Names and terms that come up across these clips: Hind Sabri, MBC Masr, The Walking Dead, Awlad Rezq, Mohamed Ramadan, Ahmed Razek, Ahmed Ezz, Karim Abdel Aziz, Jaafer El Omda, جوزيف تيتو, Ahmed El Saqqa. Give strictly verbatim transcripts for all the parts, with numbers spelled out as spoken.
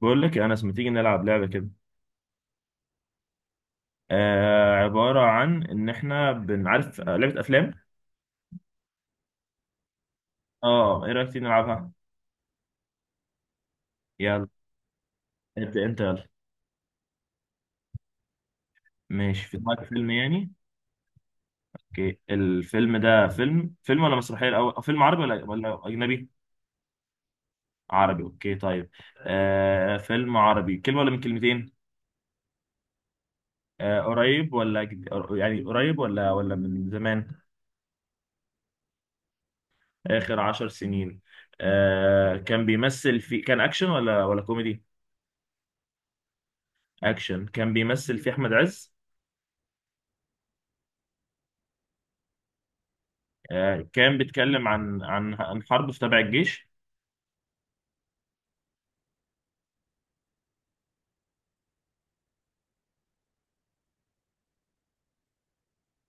بقول لك يا انس، ما تيجي نلعب لعبه كده؟ آه عباره عن ان احنا بنعرف، آه، لعبه افلام. اه ايه رايك تيجي نلعبها؟ يلا. ابدا انت، يلا. ماشي، في دماغك فيلم يعني؟ اوكي، الفيلم ده فيلم فيلم ولا مسرحيه الاول، أو فيلم عربي ولا ولا اجنبي؟ عربي، اوكي طيب. آه فيلم عربي، كلمه ولا من كلمتين؟ آه قريب ولا جد... يعني قريب ولا ولا من زمان؟ اخر عشر سنين. آه كان بيمثل في، كان اكشن ولا ولا كوميدي؟ اكشن. كان بيمثل في احمد عز. آه، كان بيتكلم عن عن عن حرب في، تبع الجيش.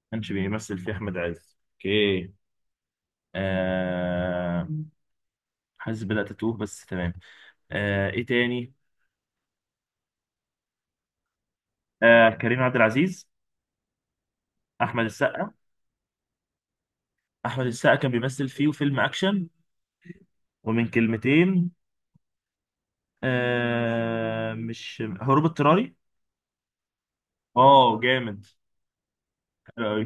ما كانش بيمثل فيه احمد عز، اوكي. آه حاسس بدأت اتوه، بس تمام. آه ايه تاني؟ آه كريم عبد العزيز. احمد السقا. احمد السقا كان بيمثل فيه فيلم اكشن. ومن كلمتين. آه مش هروب اضطراري. اه، جامد. حلو قوي.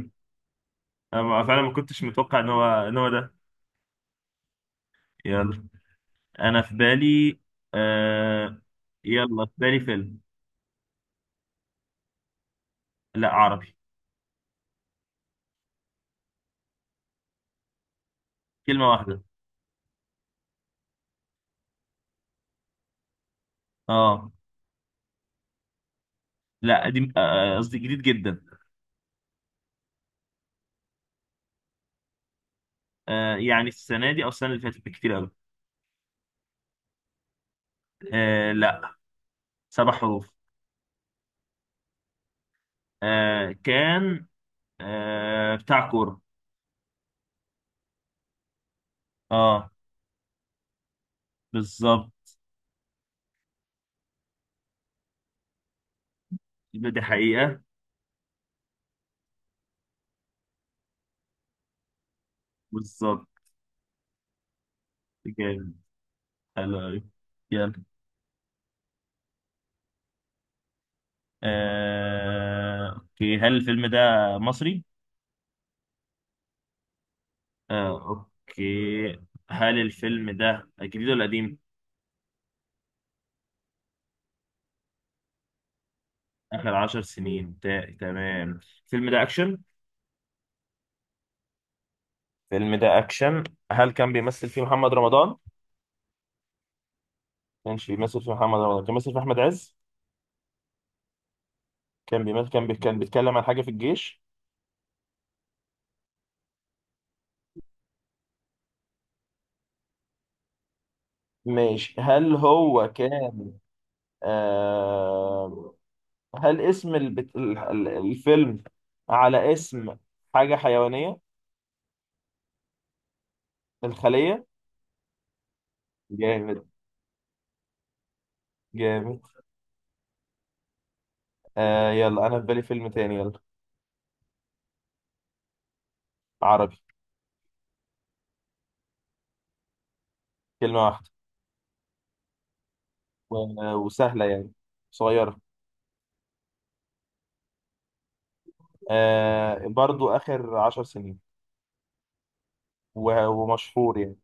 انا فعلا ما كنتش متوقع ان هو ان هو ده. يلا. انا في بالي. آه يلا، في بالي فيلم. لا، عربي. كلمة واحدة. اه. لا قديم، آه، قصدي جديد جدا. آه يعني السنة دي أو السنة اللي فاتت بكتير أوي. آه لا. سبع حروف. آه كان. آه بتاع كورة. اه. بالظبط. يبقى دي حقيقة. بالظبط. جامد. حلو أوي. يلا. آه أوكي، هل الفيلم ده مصري؟ آه أوكي. هل الفيلم ده جديد ولا قديم؟ آخر عشر سنين، تا- تمام. الفيلم ده أكشن؟ الفيلم ده اكشن. هل كان بيمثل فيه محمد رمضان؟ ما كانش بيمثل فيه محمد رمضان، كان بيمثل فيه احمد عز. كان بيمثل، كان بي... كان بيتكلم عن حاجه في الجيش. ماشي، هل هو كان، آه... هل اسم البت... ال- ال- الفيلم على اسم حاجه حيوانيه؟ الخليه. جامد. جامد. آه يلا، انا في بالي فيلم تاني، يلا. عربي. كلمه واحده. و... وسهله يعني. صغيره. آه برضو اخر عشر سنين. و... ومشهور يعني.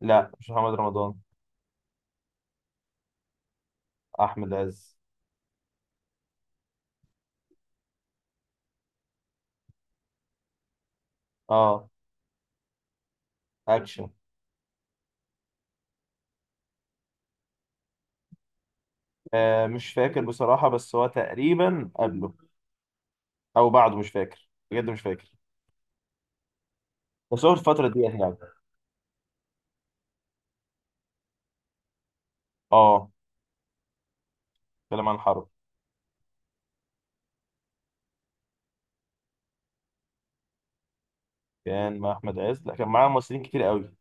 لا، مش محمد رمضان. احمد عز. اه. اكشن. آه مش فاكر بصراحه، بس هو تقريبا قبله او بعده، مش فاكر بجد، مش فاكر. بس هو في الفتره دي يعني. اه. كلام عن الحرب. كان مع احمد عز، لا كان معاه ممثلين كتير قوي.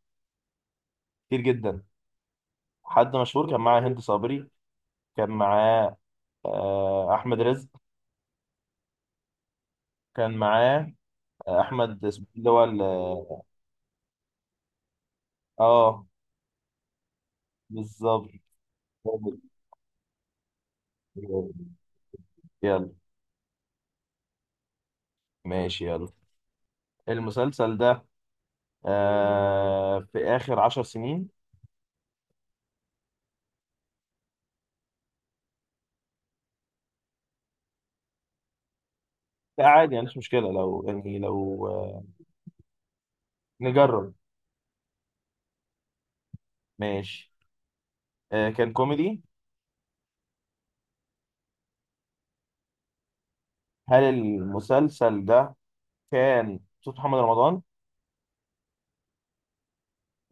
كتير جدا. حد مشهور كان معاه هند صبري. كان معاه. آه احمد رزق. كان معاه. آه احمد، اسمه إيه اللي هو ال- اه. بالظبط. يلا. ماشي، يلا. المسلسل ده، آه في آخر عشر سنين. لا عادي يعني، مش مشكلة، لو يعني لو آه نجرب. ماشي. آه كان كوميدي. هل المسلسل ده كان بطولة محمد رمضان؟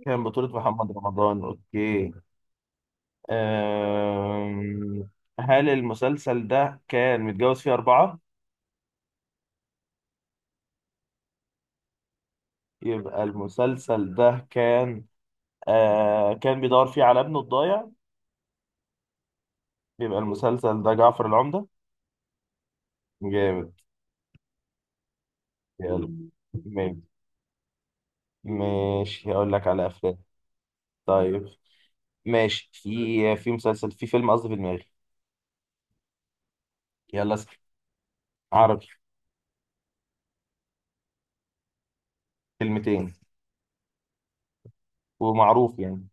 كان بطولة محمد رمضان، أوكي. آم، هل المسلسل ده كان متجوز فيه أربعة؟ يبقى المسلسل ده كان، آه كان بيدور فيه على ابنه الضايع. يبقى المسلسل ده جعفر العمدة. جامد. يلا. ماشي، هقول لك على افلام. طيب. ماشي، في، في مسلسل في فيلم، قصدي، في دماغي. يلا اسأل. عربي. كلمتين. ومعروف يعني.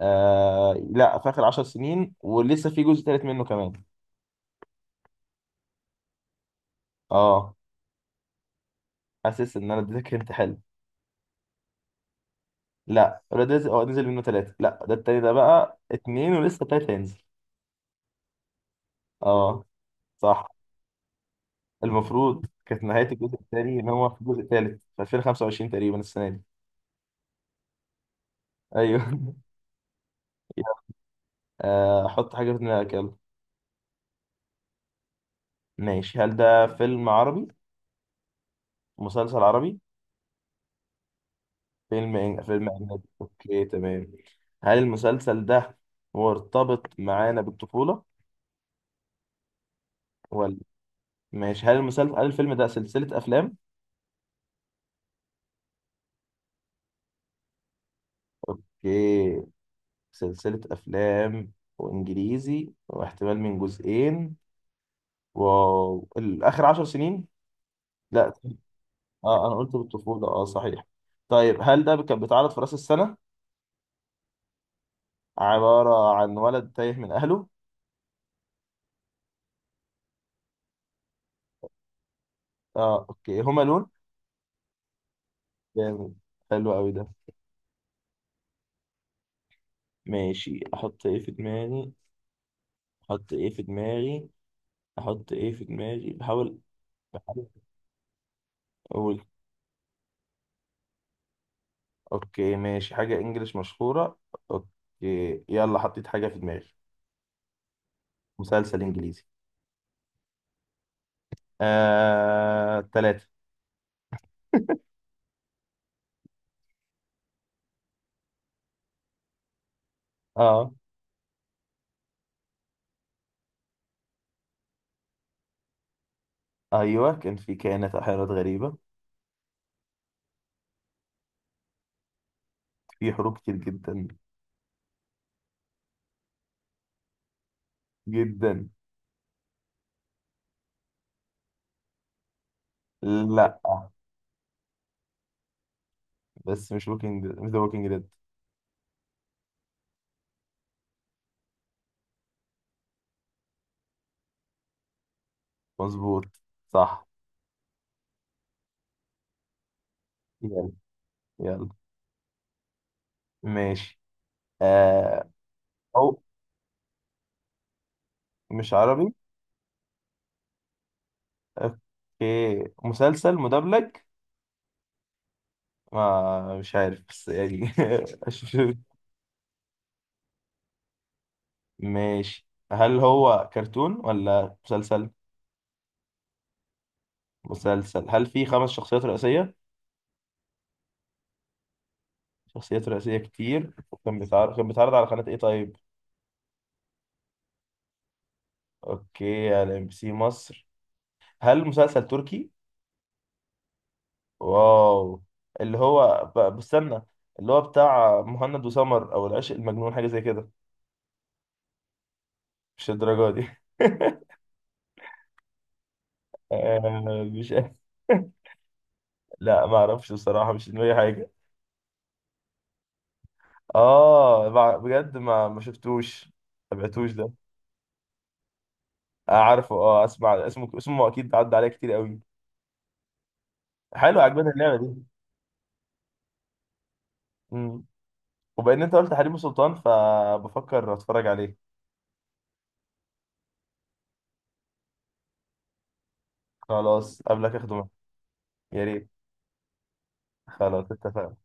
آه لا، في اخر عشر سنين، ولسه في جزء تالت منه كمان. اه. حاسس ان انا اديتك انت، حلو. لا ولاد رزق اه نزل منه تلاتة، لا ده التاني، ده بقى اتنين، ولسه التالت هينزل. اه. صح. المفروض كانت نهاية الجزء التاني ان هو في الجزء التالت في ألفين وخمسة وعشرين تقريبا السنة دي. ايوه. آه، حط حاجة في دماغك، يلا. ماشي، هل ده فيلم عربي؟ مسلسل عربي؟ فيلم إن... فيلم أجنبي، أوكي تمام. هل المسلسل ده مرتبط معانا بالطفولة ولا؟ ماشي، هل المسلسل هل الفيلم ده سلسلة أفلام؟ أوكي. سلسلة أفلام وإنجليزي، واحتمال من جزئين. واو، الآخر عشر سنين؟ لا. اه، أنا قلت بالطفولة، اه صحيح. طيب هل ده كان بيتعرض في رأس السنة؟ عبارة عن ولد تايه من أهله. اه، أوكي، هما لون. جامد. حلو قوي ده. ماشي، احط ايه في دماغي؟ احط ايه في دماغي؟ احط ايه في دماغي؟ بحاول. بحاول. اقول. اوكي ماشي، حاجة انجليش مشهورة. اوكي، يلا حطيت حاجة في دماغي. مسلسل انجليزي. آه ثلاثة. اه. ايوه، كان في كائنات احيانات غريبة. في حروب كتير جدا. جدا. لا، بس مش ووكينج مش ذا ووكينج ديد. مظبوط. صح. يلا. يلا ماشي. آه او، مش عربي. اوكي، مسلسل مدبلج. ما مش عارف بس يعني. أشوف. ماشي، هل هو كرتون ولا مسلسل؟ مسلسل. هل في خمس شخصيات رئيسية؟ شخصيات رئيسية كتير. وكان بيتعرض كان بيتعرض على قناة ايه طيب؟ اوكي، على ام بي سي مصر. هل مسلسل تركي؟ واو. اللي هو ب- بستنى. اللي هو بتاع مهند وسمر، او العشق المجنون، حاجة زي كده. مش الدرجة دي. آه، مش عارف. لا، ما اعرفش بصراحة، مش في دماغي حاجة. اه، مع- بجد، ما ما شفتوش، ما تابعتوش ده. آه، عارفه، اه، اسمع، اسمه اسمه اكيد عدى عليه كتير قوي. حلو، عجباني اللعبة دي. امم. وبان انت قلت حريم سلطان، فبفكر اتفرج عليه. خلاص قبلك اخده معايا. يا ريت. خلاص اتفقنا.